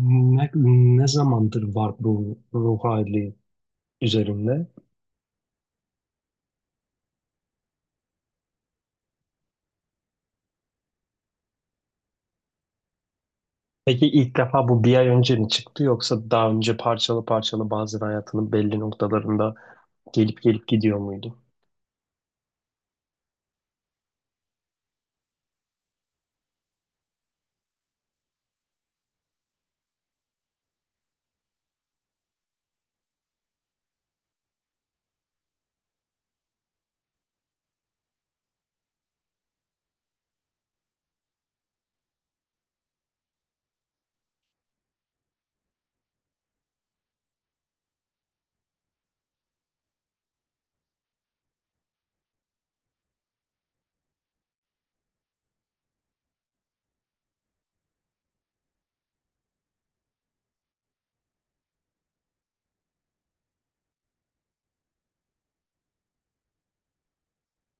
Ne, ne zamandır var bu ruh hali üzerinde? Peki ilk defa bu bir ay önce mi çıktı yoksa daha önce parçalı parçalı bazen hayatının belli noktalarında gelip gelip gidiyor muydu?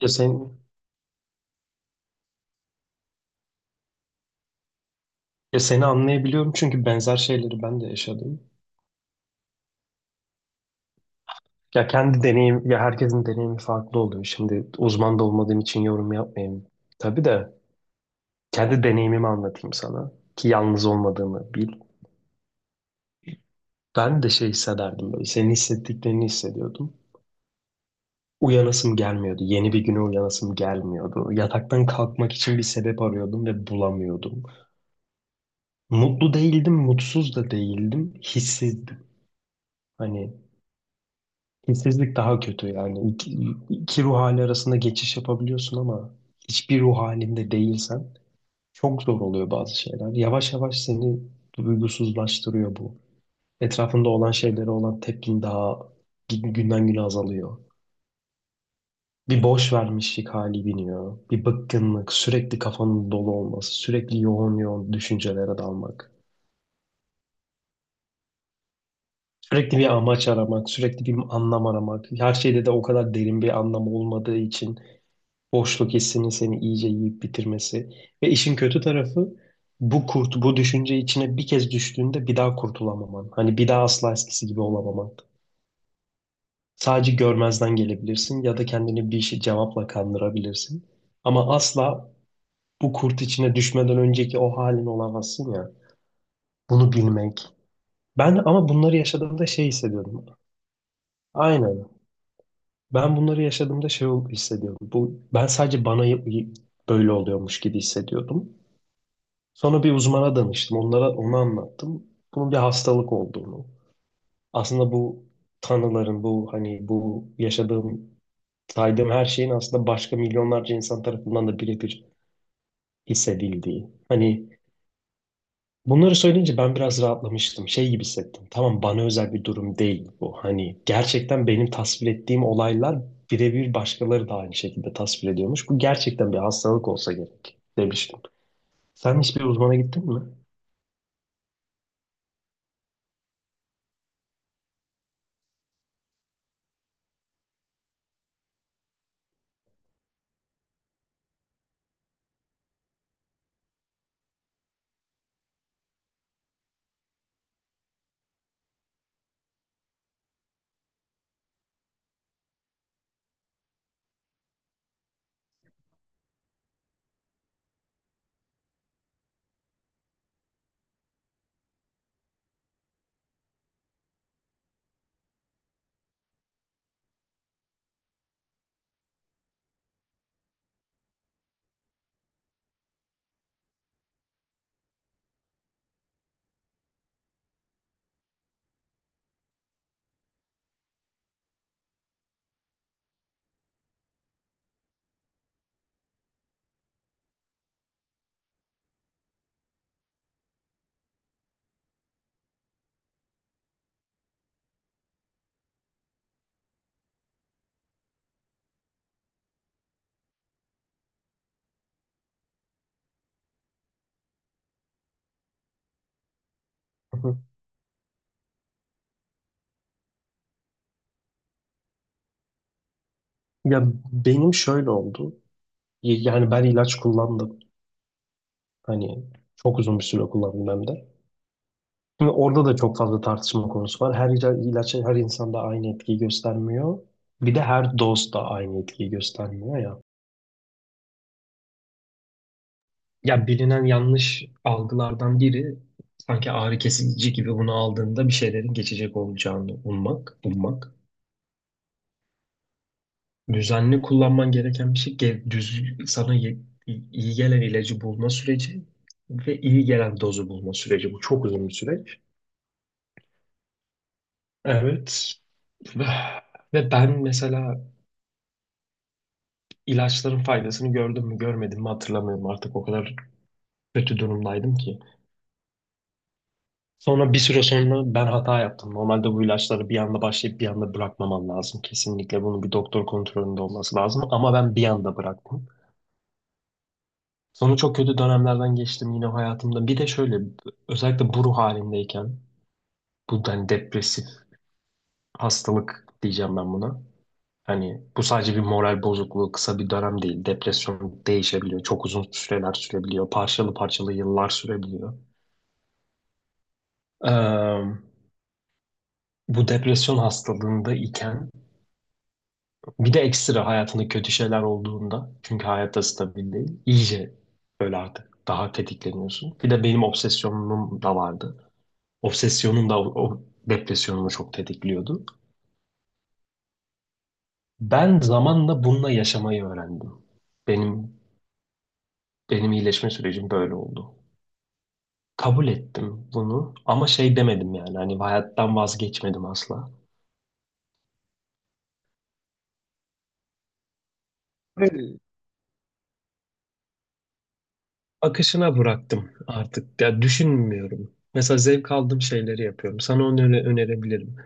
Ya sen Ya seni anlayabiliyorum çünkü benzer şeyleri ben de yaşadım. Ya kendi deneyim ya herkesin deneyimi farklı oluyor. Şimdi uzman da olmadığım için yorum yapmayayım. Tabii de kendi deneyimimi anlatayım sana ki yalnız olmadığını bil. Ben de şey hissederdim, böyle senin hissettiklerini hissediyordum. Uyanasım gelmiyordu. Yeni bir güne uyanasım gelmiyordu. Yataktan kalkmak için bir sebep arıyordum ve bulamıyordum. Mutlu değildim, mutsuz da değildim. Hissizdim. Hani hissizlik daha kötü yani. İki ruh hali arasında geçiş yapabiliyorsun ama hiçbir ruh halinde değilsen çok zor oluyor bazı şeyler. Yavaş yavaş seni duygusuzlaştırıyor bu. Etrafında olan şeylere olan tepkin daha günden güne azalıyor. Bir boş vermişlik hali biniyor. Bir bıkkınlık, sürekli kafanın dolu olması, sürekli yoğun yoğun düşüncelere dalmak. Sürekli bir amaç aramak, sürekli bir anlam aramak. Her şeyde de o kadar derin bir anlam olmadığı için boşluk hissinin seni iyice yiyip bitirmesi. Ve işin kötü tarafı, bu kurt, bu düşünce içine bir kez düştüğünde bir daha kurtulamaman. Hani bir daha asla eskisi gibi olamaman. Sadece görmezden gelebilirsin ya da kendini bir şey cevapla kandırabilirsin. Ama asla bu kurt içine düşmeden önceki o halin olamazsın ya. Bunu bilmek. Ben ama bunları yaşadığımda şey hissediyordum. Aynen. Ben bunları yaşadığımda şey hissediyordum. Bu, ben sadece bana böyle oluyormuş gibi hissediyordum. Sonra bir uzmana danıştım. Onlara onu anlattım. Bunun bir hastalık olduğunu. Aslında bu tanıların, bu hani bu yaşadığım, saydığım her şeyin aslında başka milyonlarca insan tarafından da birebir hissedildiği. Hani bunları söyleyince ben biraz rahatlamıştım. Şey gibi hissettim. Tamam, bana özel bir durum değil bu. Hani gerçekten benim tasvir ettiğim olaylar birebir başkaları da aynı şekilde tasvir ediyormuş. Bu gerçekten bir hastalık olsa gerek demiştim. Sen hiçbir uzmana gittin mi? Hı hı. Ya benim şöyle oldu. Yani ben ilaç kullandım. Hani çok uzun bir süre kullandım hem de. Şimdi orada da çok fazla tartışma konusu var. Her ilaç her insanda aynı etkiyi göstermiyor. Bir de her doz da aynı etkiyi göstermiyor ya. Ya bilinen yanlış algılardan biri, sanki ağrı kesici gibi bunu aldığında bir şeylerin geçecek olacağını ummak, ummak. Düzenli kullanman gereken bir şey, iyi gelen ilacı bulma süreci ve iyi gelen dozu bulma süreci. Bu çok uzun bir süreç. Evet. Ve ben mesela ilaçların faydasını gördüm mü görmedim mi hatırlamıyorum artık, o kadar kötü durumdaydım ki. Sonra bir süre sonra ben hata yaptım. Normalde bu ilaçları bir anda başlayıp bir anda bırakmaman lazım. Kesinlikle bunun bir doktor kontrolünde olması lazım. Ama ben bir anda bıraktım. Sonra çok kötü dönemlerden geçtim yine hayatımda. Bir de şöyle, özellikle bu ruh halindeyken, bu hani depresif hastalık diyeceğim ben buna. Hani bu sadece bir moral bozukluğu, kısa bir dönem değil. Depresyon değişebiliyor. Çok uzun süreler sürebiliyor. Parçalı parçalı yıllar sürebiliyor. Ee, bu depresyon hastalığında iken bir de ekstra hayatında kötü şeyler olduğunda, çünkü hayatta stabil değil, iyice böyle artık daha tetikleniyorsun. Bir de benim obsesyonum da vardı. Obsesyonum da o depresyonumu çok tetikliyordu. Ben zamanla bununla yaşamayı öğrendim. Benim benim iyileşme sürecim böyle oldu. Kabul ettim bunu ama şey demedim yani, hani hayattan vazgeçmedim asla. Akışına bıraktım artık. Ya düşünmüyorum. Mesela zevk aldığım şeyleri yapıyorum. Sana onu önerebilirim.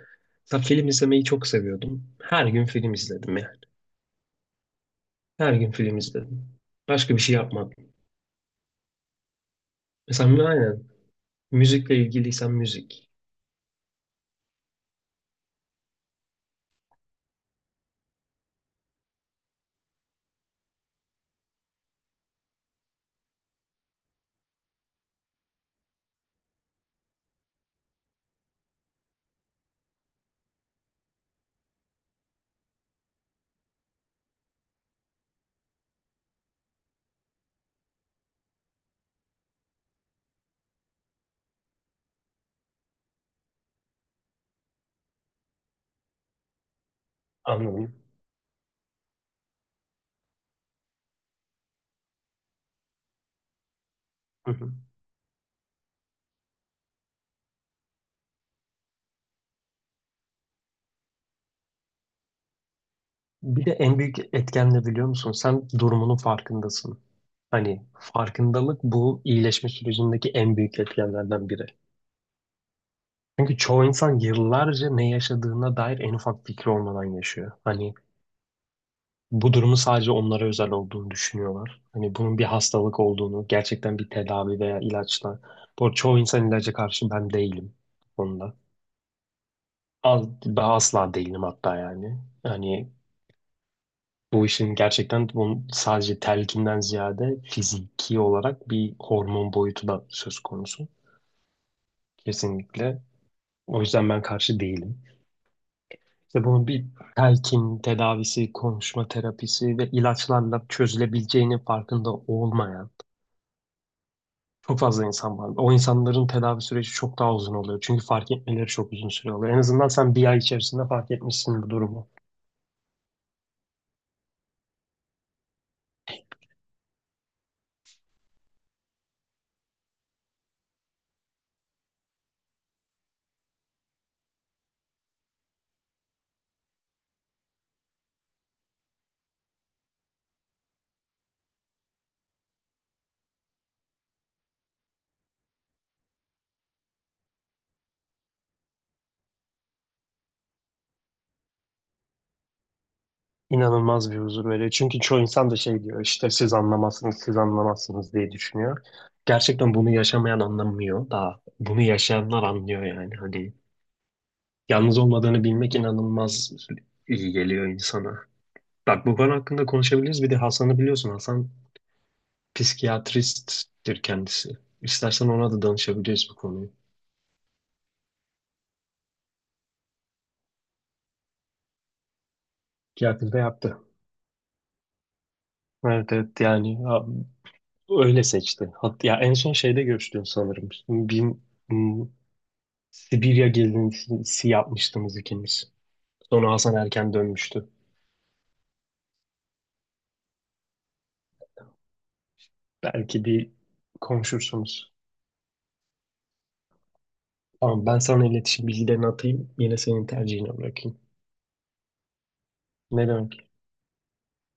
Mesela film izlemeyi çok seviyordum. Her gün film izledim yani. Her gün film izledim. Başka bir şey yapmadım. Mesela aynen, müzikle ilgiliysen müzik. Anladım. Hı hı. Bir de en büyük etken ne biliyor musun? Sen durumunun farkındasın. Hani farkındalık bu iyileşme sürecindeki en büyük etkenlerden biri. Çünkü çoğu insan yıllarca ne yaşadığına dair en ufak fikri olmadan yaşıyor. Hani bu durumu sadece onlara özel olduğunu düşünüyorlar. Hani bunun bir hastalık olduğunu, gerçekten bir tedavi veya ilaçla. Bu arada çoğu insan ilaca karşı, ben değilim bu konuda. Ben asla değilim hatta yani. Hani bu işin gerçekten, bunun sadece telkinden ziyade fiziki olarak bir hormon boyutu da söz konusu. Kesinlikle. O yüzden ben karşı değilim. İşte bunun bir telkin tedavisi, konuşma terapisi ve ilaçlarla çözülebileceğinin farkında olmayan çok fazla insan var. O insanların tedavi süreci çok daha uzun oluyor. Çünkü fark etmeleri çok uzun süre oluyor. En azından sen bir ay içerisinde fark etmişsin bu durumu. İnanılmaz bir huzur veriyor. Çünkü çoğu insan da şey diyor işte, siz anlamazsınız, siz anlamazsınız diye düşünüyor. Gerçekten bunu yaşamayan anlamıyor da bunu yaşayanlar anlıyor yani. Hani yalnız olmadığını bilmek inanılmaz iyi geliyor insana. Bak, bu konu hakkında konuşabiliriz. Bir de Hasan'ı biliyorsun. Hasan psikiyatristtir kendisi. İstersen ona da danışabiliriz bu konuyu. Psikiyatri de yaptı. Evet, evet, yani ha, öyle seçti. Hat ya en son şeyde görüştün sanırım. M, Sibirya gezintisi yapmıştınız ikiniz. Sonra Hasan erken dönmüştü. Belki bir konuşursunuz. Tamam, ben sana iletişim bilgilerini atayım. Yine senin tercihine bırakayım. Ne demek?